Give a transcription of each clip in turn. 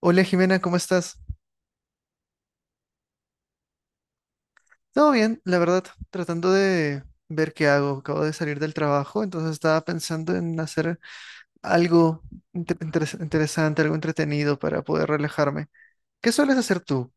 Hola Jimena, ¿cómo estás? Todo bien, la verdad, tratando de ver qué hago. Acabo de salir del trabajo, entonces estaba pensando en hacer algo interesante, algo entretenido para poder relajarme. ¿Qué sueles hacer tú?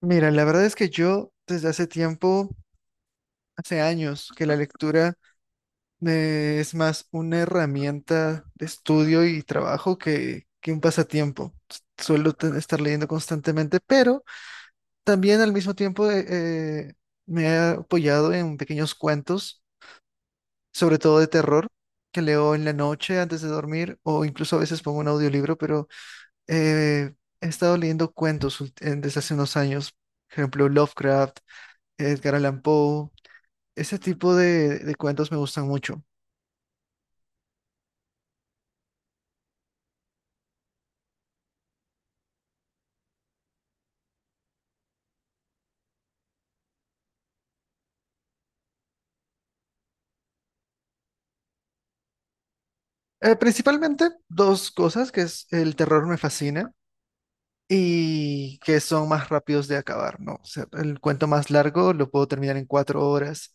Mira, la verdad es que yo desde hace tiempo, hace años, que la lectura me es más una herramienta de estudio y trabajo que un pasatiempo. Suelo estar leyendo constantemente, pero también al mismo tiempo me he apoyado en pequeños cuentos, sobre todo de terror, que leo en la noche antes de dormir o incluso a veces pongo un audiolibro, pero eh, he estado leyendo cuentos desde hace unos años, por ejemplo Lovecraft, Edgar Allan Poe, ese tipo de cuentos me gustan mucho. Principalmente dos cosas, que es el terror me fascina y que son más rápidos de acabar, ¿no? O sea, el cuento más largo lo puedo terminar en 4 horas.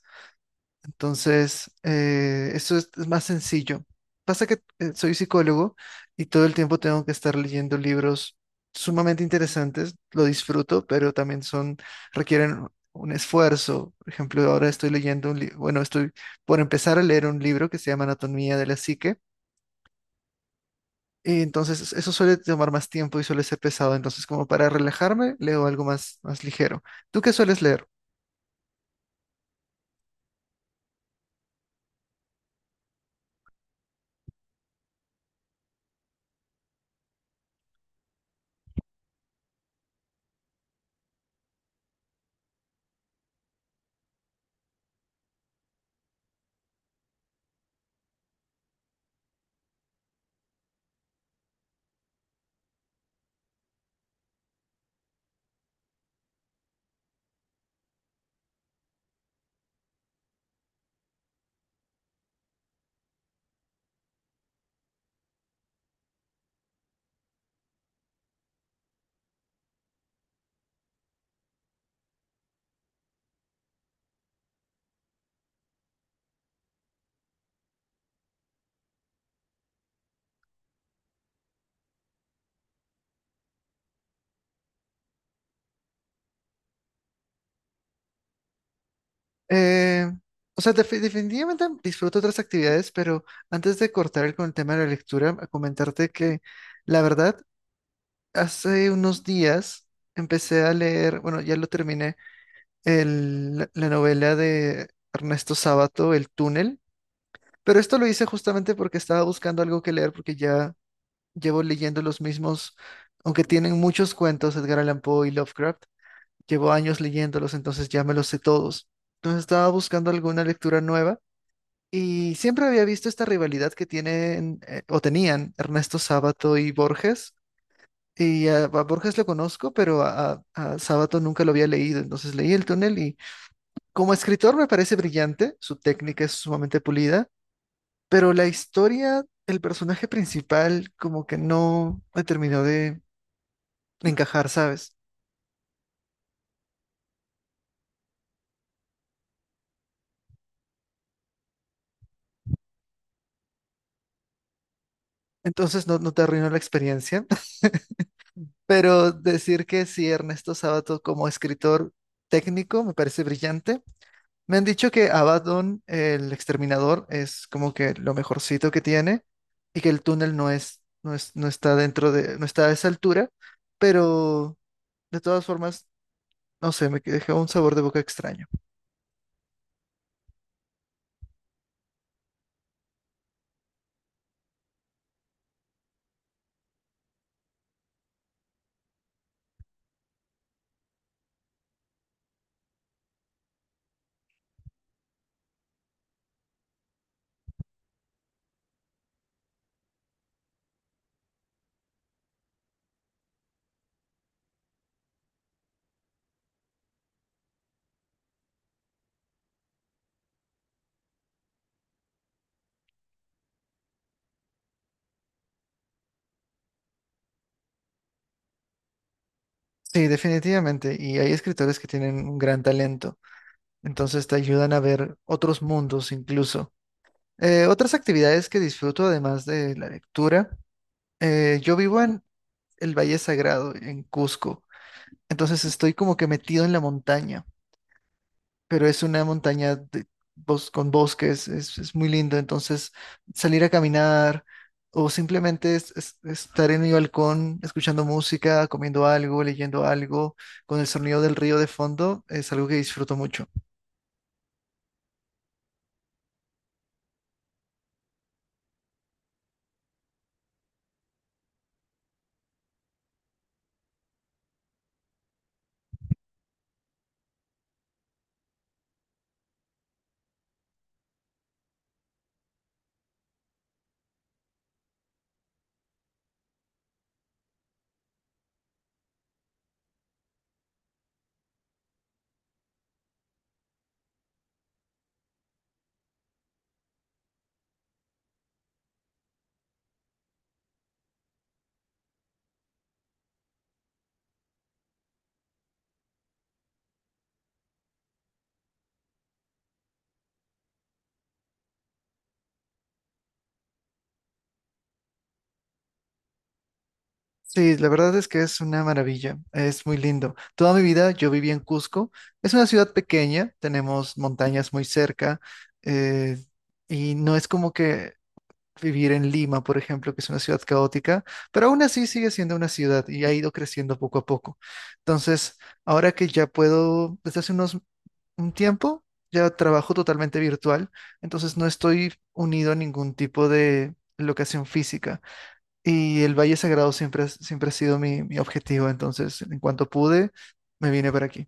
Entonces, eso es más sencillo. Pasa que soy psicólogo y todo el tiempo tengo que estar leyendo libros sumamente interesantes. Lo disfruto, pero también son, requieren un esfuerzo. Por ejemplo, ahora estoy leyendo un libro, bueno, estoy por empezar a leer un libro que se llama Anatomía de la Psique. Y entonces eso suele tomar más tiempo y suele ser pesado. Entonces, como para relajarme, leo algo más, más ligero. ¿Tú qué sueles leer? Eh, o sea, definitivamente disfruto otras actividades, pero antes de cortar con el tema de la lectura, a comentarte que la verdad, hace unos días empecé a leer, bueno, ya lo terminé, la novela de Ernesto Sábato, El túnel, pero esto lo hice justamente porque estaba buscando algo que leer porque ya llevo leyendo los mismos, aunque tienen muchos cuentos, Edgar Allan Poe y Lovecraft, llevo años leyéndolos, entonces ya me los sé todos. Entonces estaba buscando alguna lectura nueva y siempre había visto esta rivalidad que tienen o tenían Ernesto Sábato y Borges. Y a Borges lo conozco, pero a Sábato nunca lo había leído. Entonces leí El túnel y como escritor me parece brillante, su técnica es sumamente pulida, pero la historia, el personaje principal como que no me terminó de encajar, ¿sabes? Entonces no te arruinó la experiencia, pero decir que sí, Ernesto Sábato como escritor técnico me parece brillante. Me han dicho que Abaddon, el exterminador, es como que lo mejorcito que tiene y que el túnel no está dentro de, no está a esa altura, pero de todas formas, no sé, me dejó un sabor de boca extraño. Sí, definitivamente, y hay escritores que tienen un gran talento, entonces te ayudan a ver otros mundos incluso. Otras actividades que disfruto además de la lectura, yo vivo en el Valle Sagrado, en Cusco, entonces estoy como que metido en la montaña, pero es una montaña con bosques, es muy lindo. Entonces, salir a caminar o simplemente estar en mi balcón escuchando música, comiendo algo, leyendo algo, con el sonido del río de fondo, es algo que disfruto mucho. Sí, la verdad es que es una maravilla, es muy lindo. Toda mi vida yo viví en Cusco, es una ciudad pequeña, tenemos montañas muy cerca, eh, y no es como que vivir en Lima, por ejemplo, que es una ciudad caótica, pero aún así sigue siendo una ciudad y ha ido creciendo poco a poco. Entonces, ahora que ya puedo, desde hace unos un tiempo, ya trabajo totalmente virtual, entonces no estoy unido a ningún tipo de locación física. Y el Valle Sagrado siempre, siempre ha sido mi objetivo, entonces, en cuanto pude, me vine para aquí.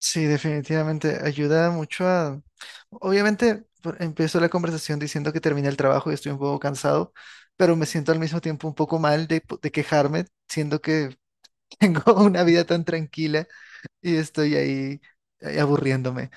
Sí, definitivamente ayuda mucho a... Obviamente, empiezo la conversación diciendo que terminé el trabajo y estoy un poco cansado, pero me siento al mismo tiempo un poco mal de quejarme, siendo que tengo una vida tan tranquila y estoy ahí, ahí aburriéndome.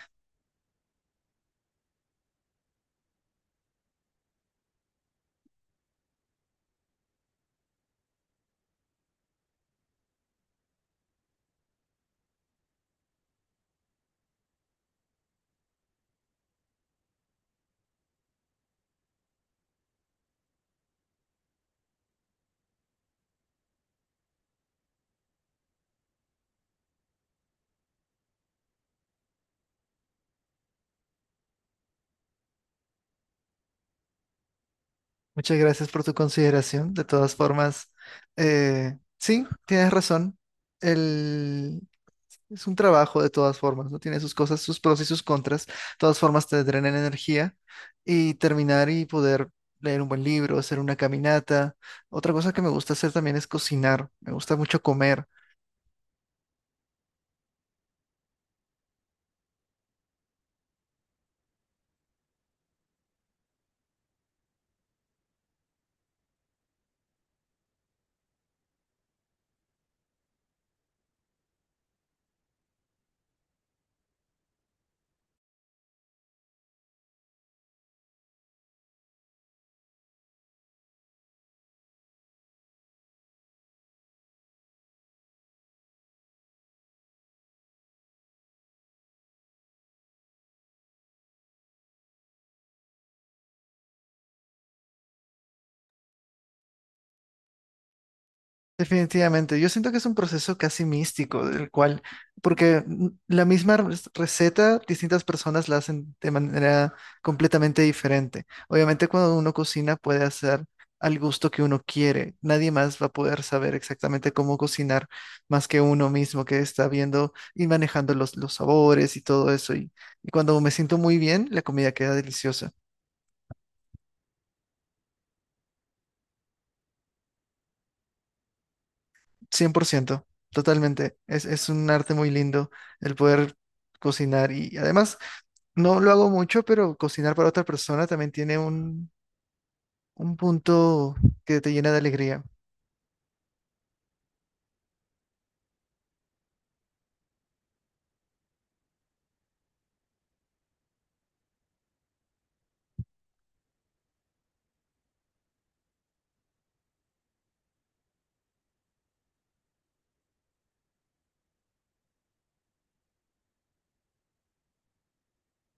Muchas gracias por tu consideración. De todas formas, sí, tienes razón. Es un trabajo de todas formas, ¿no? Tiene sus cosas, sus pros y sus contras. De todas formas te drenan energía y terminar y poder leer un buen libro, hacer una caminata. Otra cosa que me gusta hacer también es cocinar. Me gusta mucho comer. Definitivamente, yo siento que es un proceso casi místico, del cual, porque la misma receta, distintas personas la hacen de manera completamente diferente. Obviamente, cuando uno cocina puede hacer al gusto que uno quiere. Nadie más va a poder saber exactamente cómo cocinar más que uno mismo que está viendo y manejando los sabores y todo eso. Y cuando me siento muy bien, la comida queda deliciosa. 100% totalmente. Es un arte muy lindo el poder cocinar y además no lo hago mucho, pero cocinar para otra persona también tiene un punto que te llena de alegría.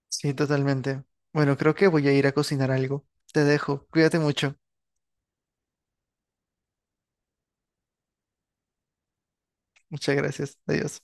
Sí, totalmente. Bueno, creo que voy a ir a cocinar algo. Te dejo. Cuídate mucho. Muchas gracias. Adiós.